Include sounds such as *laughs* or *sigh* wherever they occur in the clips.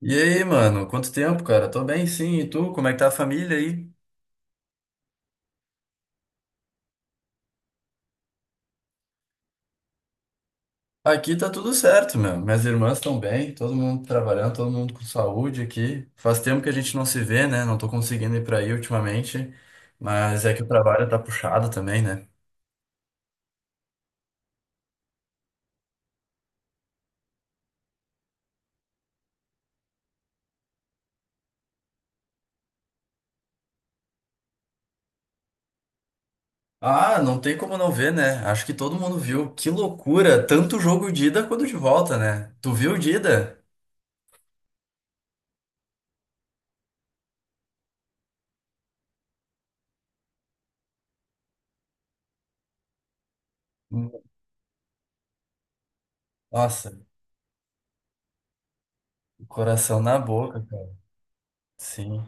E aí, mano? Quanto tempo, cara? Tô bem, sim. E tu? Como é que tá a família aí? Aqui tá tudo certo, meu. Minhas irmãs estão bem, todo mundo trabalhando, todo mundo com saúde aqui. Faz tempo que a gente não se vê, né? Não tô conseguindo ir pra aí ultimamente, mas é que o trabalho tá puxado também, né? Ah, não tem como não ver, né? Acho que todo mundo viu. Que loucura! Tanto jogo de ida quanto de volta, né? Tu viu o de ida? Nossa, coração na boca, cara. Sim.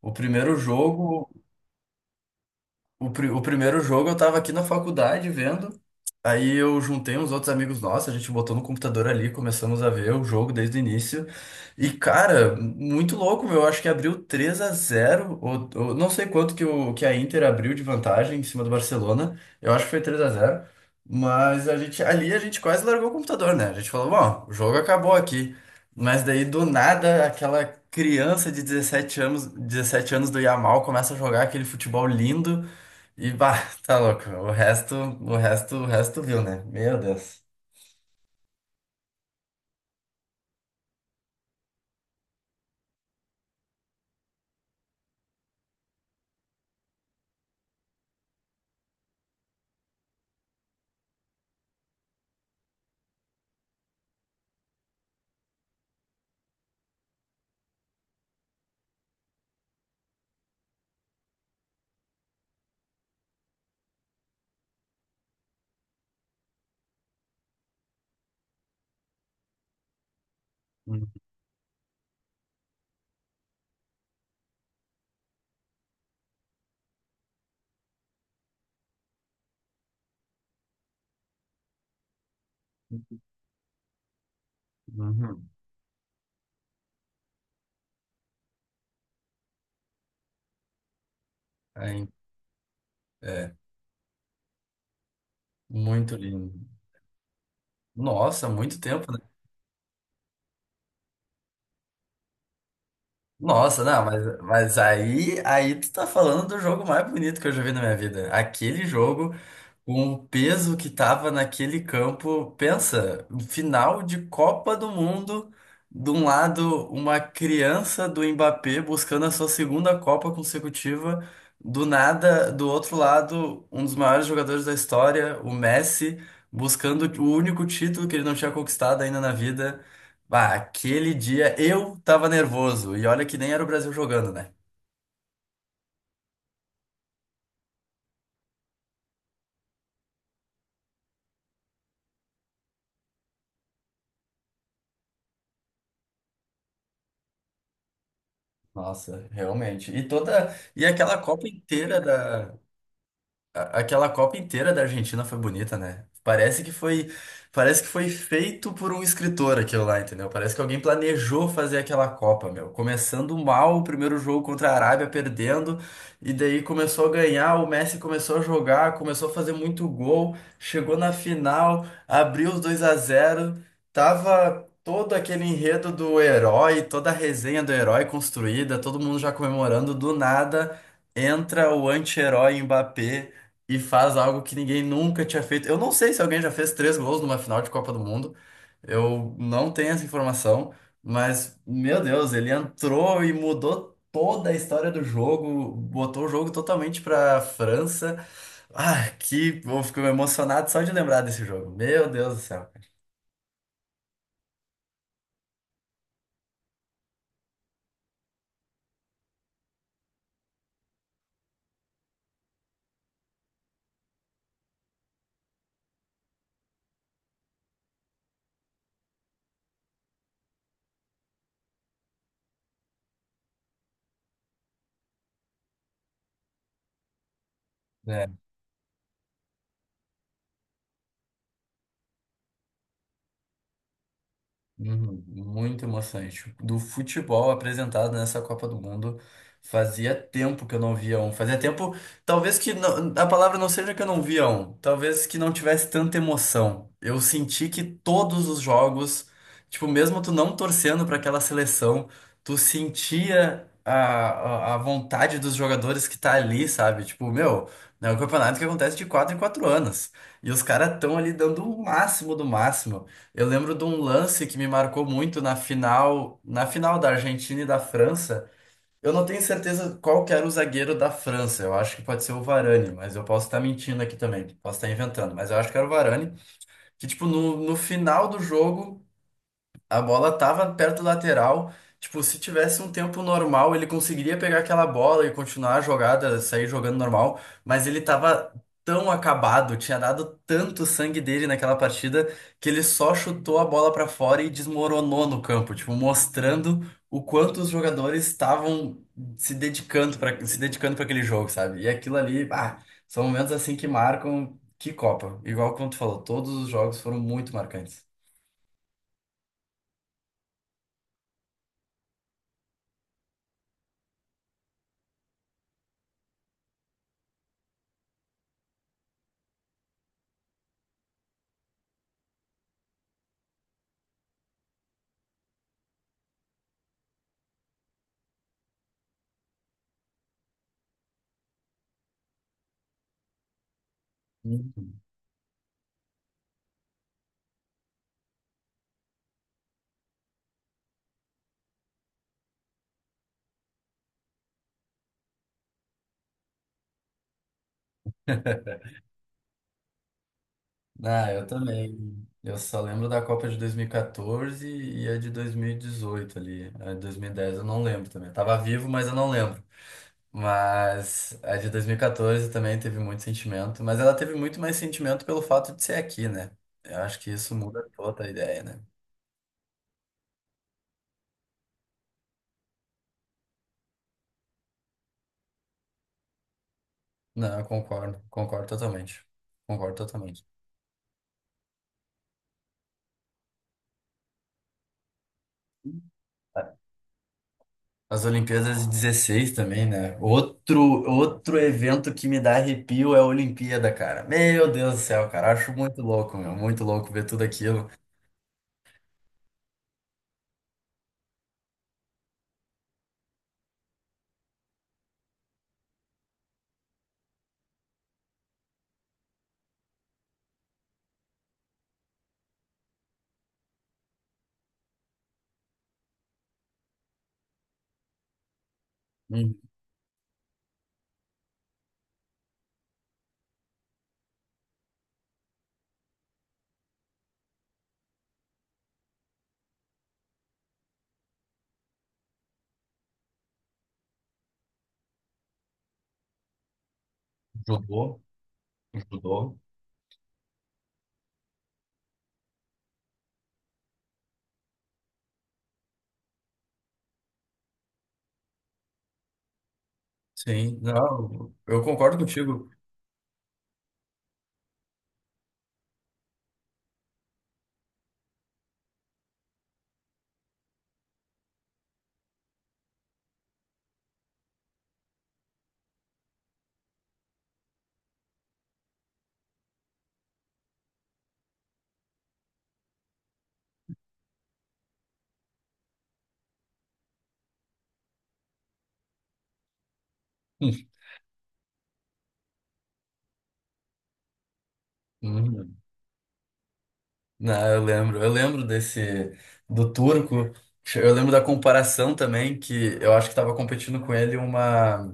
O primeiro jogo. O primeiro jogo eu tava aqui na faculdade vendo. Aí eu juntei uns outros amigos nossos, a gente botou no computador ali, começamos a ver o jogo desde o início. E, cara, muito louco, meu. Eu acho que abriu 3-0 ou não sei quanto que a Inter abriu de vantagem em cima do Barcelona. Eu acho que foi 3-0. Mas a gente, ali a gente quase largou o computador, né? A gente falou, bom, o jogo acabou aqui. Mas daí, do nada, aquela criança de 17 anos, 17 anos do Yamal começa a jogar aquele futebol lindo. E bah, *laughs* tá louco. O resto, o resto, o resto viu, né? Meu Deus. Uhum. Uhum. Aí, é, muito lindo. Nossa, muito tempo, né? Nossa, não, mas aí tu tá falando do jogo mais bonito que eu já vi na minha vida. Aquele jogo. Com o peso que tava naquele campo, pensa, um final de Copa do Mundo, de um lado uma criança do Mbappé buscando a sua segunda Copa consecutiva, do nada, do outro lado, um dos maiores jogadores da história, o Messi, buscando o único título que ele não tinha conquistado ainda na vida. Bah, aquele dia eu tava nervoso, e olha que nem era o Brasil jogando, né? Nossa, realmente. E toda, aquela Copa inteira da Argentina foi bonita, né? Parece que foi feito por um escritor aquilo lá, entendeu? Parece que alguém planejou fazer aquela Copa, meu. Começando mal o primeiro jogo contra a Arábia, perdendo, e daí começou a ganhar, o Messi começou a jogar, começou a fazer muito gol, chegou na final, abriu os 2-0. Tava todo aquele enredo do herói, toda a resenha do herói construída, todo mundo já comemorando do nada. Entra o anti-herói Mbappé e faz algo que ninguém nunca tinha feito. Eu não sei se alguém já fez três gols numa final de Copa do Mundo. Eu não tenho essa informação, mas, meu Deus, ele entrou e mudou toda a história do jogo, botou o jogo totalmente pra França. Ah, que, eu fico emocionado só de lembrar desse jogo. Meu Deus do céu. Uhum. Muito emocionante. Do futebol apresentado nessa Copa do Mundo, fazia tempo que eu não via um. Fazia tempo, talvez que não- a palavra não seja que eu não via um, talvez que não tivesse tanta emoção. Eu senti que todos os jogos, tipo, mesmo tu não torcendo para aquela seleção, tu sentia a, a vontade dos jogadores que tá ali, sabe? Tipo, meu, é um campeonato que acontece de quatro em quatro anos. E os caras estão ali dando o máximo do máximo. Eu lembro de um lance que me marcou muito na final, da Argentina e da França. Eu não tenho certeza qual que era o zagueiro da França. Eu acho que pode ser o Varane, mas eu posso estar mentindo aqui também. Posso estar inventando, mas eu acho que era o Varane. Que, tipo, no final do jogo. A bola tava perto do lateral. Tipo, se tivesse um tempo normal, ele conseguiria pegar aquela bola e continuar a jogada, sair jogando normal. Mas ele tava tão acabado, tinha dado tanto sangue dele naquela partida, que ele só chutou a bola pra fora e desmoronou no campo. Tipo, mostrando o quanto os jogadores estavam se dedicando para aquele jogo, sabe? E aquilo ali, são momentos assim que marcam que Copa. Igual como tu falou, todos os jogos foram muito marcantes. Uhum. Ah, eu também. Eu só lembro da Copa de 2014 e a de 2018 ali. A de 2010 eu não lembro também. Eu tava vivo, mas eu não lembro. Mas a de 2014 também teve muito sentimento, mas ela teve muito mais sentimento pelo fato de ser aqui, né? Eu acho que isso muda toda a ideia, né? Não, eu concordo, concordo totalmente. Concordo totalmente. As Olimpíadas de 16 também, né? Outro evento que me dá arrepio é a Olimpíada, cara. Meu Deus do céu, cara. Acho muito louco, meu. Muito louco ver tudo aquilo. Hum, judô, um judô. Sim, não, eu concordo contigo. Hum. Não, eu lembro, desse do turco. Eu lembro da comparação também que eu acho que estava competindo com ele uma,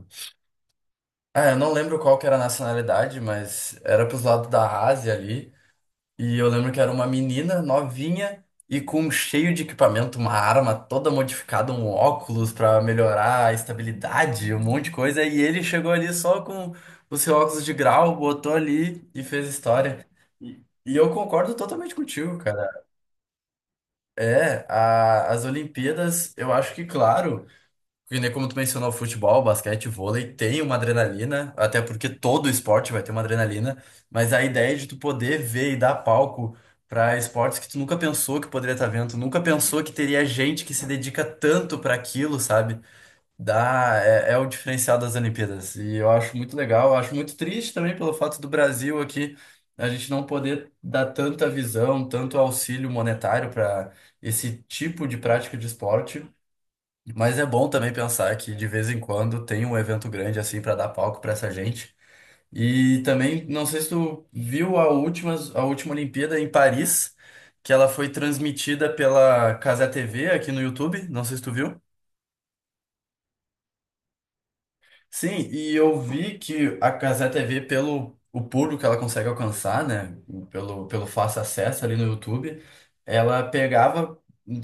ah, eu não lembro qual que era a nacionalidade, mas era pros lados da Ásia ali. E eu lembro que era uma menina novinha e com um cheio de equipamento, uma arma toda modificada, um óculos pra melhorar a estabilidade, um monte de coisa. E ele chegou ali só com o seu óculos de grau, botou ali e fez história. E eu concordo totalmente contigo, cara. É, as Olimpíadas, eu acho que, claro. Porque nem como tu mencionou, futebol, basquete, vôlei, tem uma adrenalina, até porque todo esporte vai ter uma adrenalina, mas a ideia de tu poder ver e dar palco para esportes que tu nunca pensou que poderia estar vendo, tu nunca pensou que teria gente que se dedica tanto para aquilo, sabe? Dá, é, o diferencial das Olimpíadas. E eu acho muito legal, eu acho muito triste também pelo fato do Brasil aqui a gente não poder dar tanta visão, tanto auxílio monetário para esse tipo de prática de esporte. Mas é bom também pensar que de vez em quando tem um evento grande assim para dar palco para essa gente. E também, não sei se tu viu a última Olimpíada em Paris, que ela foi transmitida pela Casa TV aqui no YouTube, não sei se tu viu. Sim, e eu vi que a Cazé TV, pelo o público que ela consegue alcançar, né? Pelo fácil acesso ali no YouTube, ela pegava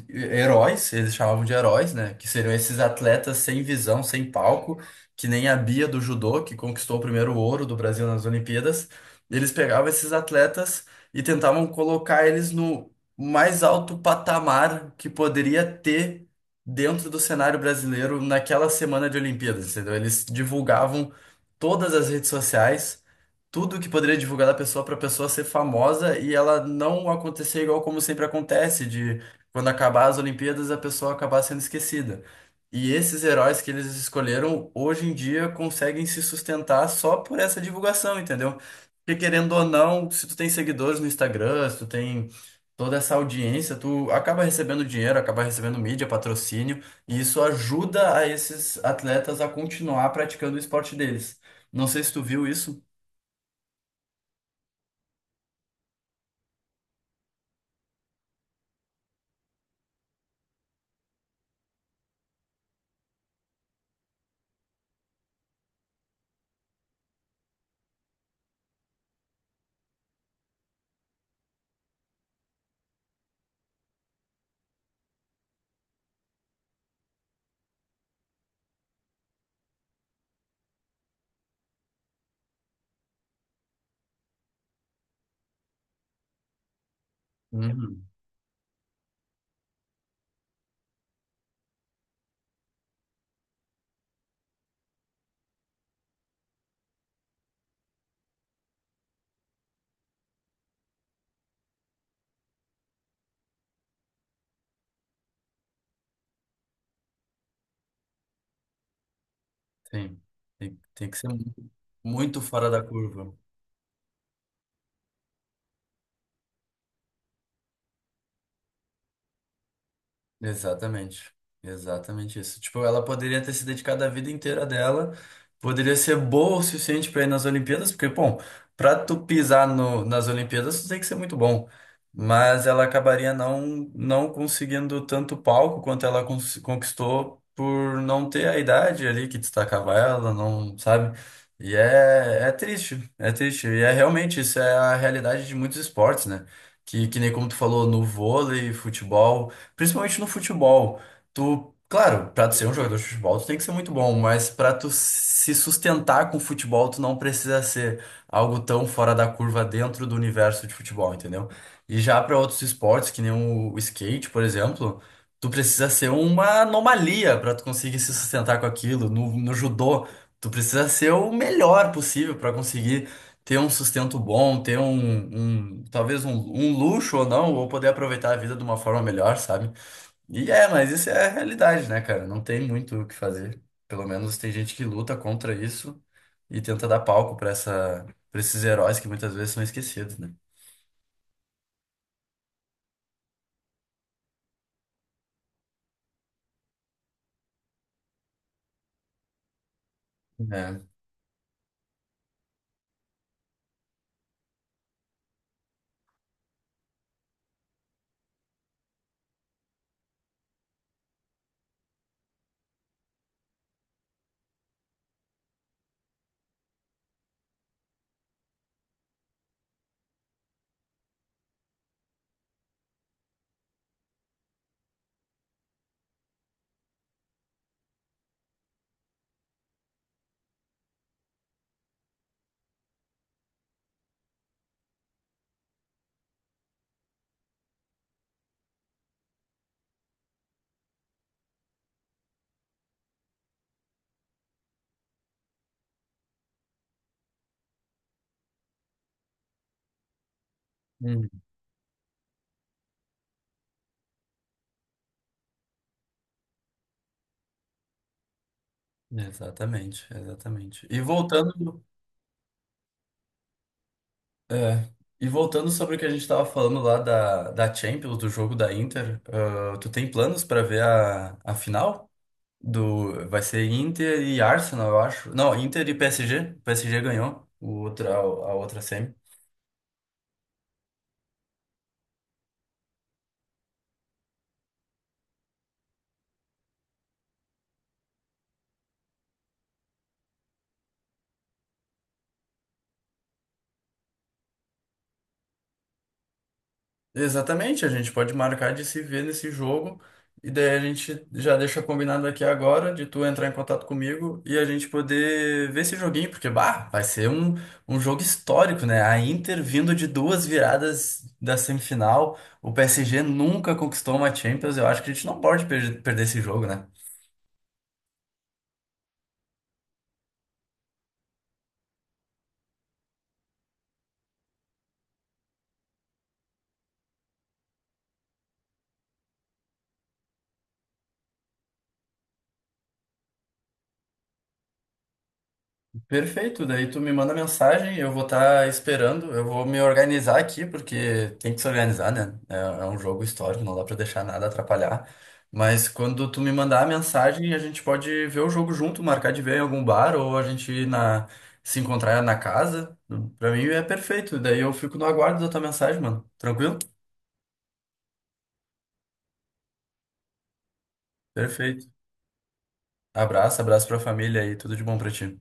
heróis, eles chamavam de heróis, né? Que seriam esses atletas sem visão, sem palco, que nem a Bia do judô, que conquistou o primeiro ouro do Brasil nas Olimpíadas. Eles pegavam esses atletas e tentavam colocar eles no mais alto patamar que poderia ter dentro do cenário brasileiro naquela semana de Olimpíadas, entendeu? Eles divulgavam todas as redes sociais, tudo que poderia divulgar da pessoa para a pessoa ser famosa e ela não acontecer igual como sempre acontece, de quando acabar as Olimpíadas a pessoa acabar sendo esquecida. E esses heróis que eles escolheram hoje em dia conseguem se sustentar só por essa divulgação, entendeu? Porque querendo ou não, se tu tem seguidores no Instagram, se tu tem toda essa audiência, tu acaba recebendo dinheiro, acaba recebendo mídia, patrocínio, e isso ajuda a esses atletas a continuar praticando o esporte deles. Não sei se tu viu isso. Uhum. Sim. Tem que ser muito fora da curva. Exatamente. Exatamente isso. Tipo, ela poderia ter se dedicado a vida inteira dela, poderia ser boa o suficiente para ir nas Olimpíadas, porque, bom, para tu pisar no, nas Olimpíadas, tu tem que ser muito bom. Mas ela acabaria não, não conseguindo tanto palco quanto ela conquistou por não ter a idade ali que destacava ela, não, sabe? E é triste, é triste. E é realmente, isso é a realidade de muitos esportes, né? Que nem como tu falou, no vôlei, futebol. Principalmente no futebol. Tu, claro, pra tu ser um jogador de futebol, tu tem que ser muito bom, mas pra tu se sustentar com o futebol, tu não precisa ser algo tão fora da curva dentro do universo de futebol, entendeu? E já pra outros esportes, que nem o skate, por exemplo, tu precisa ser uma anomalia pra tu conseguir se sustentar com aquilo. no, judô, tu precisa ser o melhor possível pra conseguir ter um sustento bom, ter talvez um luxo ou não, ou poder aproveitar a vida de uma forma melhor, sabe? E mas isso é a realidade, né, cara? Não tem muito o que fazer. Pelo menos tem gente que luta contra isso e tenta dar palco para esses heróis que muitas vezes são esquecidos, né? É. Hum. Exatamente, exatamente. E voltando, é, sobre o que a gente tava falando lá da Champions, do jogo da Inter, tu tem planos pra ver a final? Vai ser Inter e Arsenal, eu acho. Não, Inter e PSG. O PSG ganhou o outro, a outra semi. Exatamente, a gente pode marcar de se ver nesse jogo e daí a gente já deixa combinado aqui agora de tu entrar em contato comigo e a gente poder ver esse joguinho, porque bah, vai ser um jogo histórico, né? A Inter vindo de duas viradas da semifinal, o PSG nunca conquistou uma Champions, eu acho que a gente não pode perder esse jogo, né? Perfeito, daí tu me manda mensagem, eu vou estar esperando, eu vou me organizar aqui, porque tem que se organizar, né? É, é um jogo histórico, não dá pra deixar nada atrapalhar. Mas quando tu me mandar a mensagem, a gente pode ver o jogo junto, marcar de ver em algum bar, ou a gente se encontrar na casa. Pra mim é perfeito, daí eu fico no aguardo da tua mensagem, mano. Tranquilo? Perfeito. Abraço, abraço pra família aí, tudo de bom pra ti.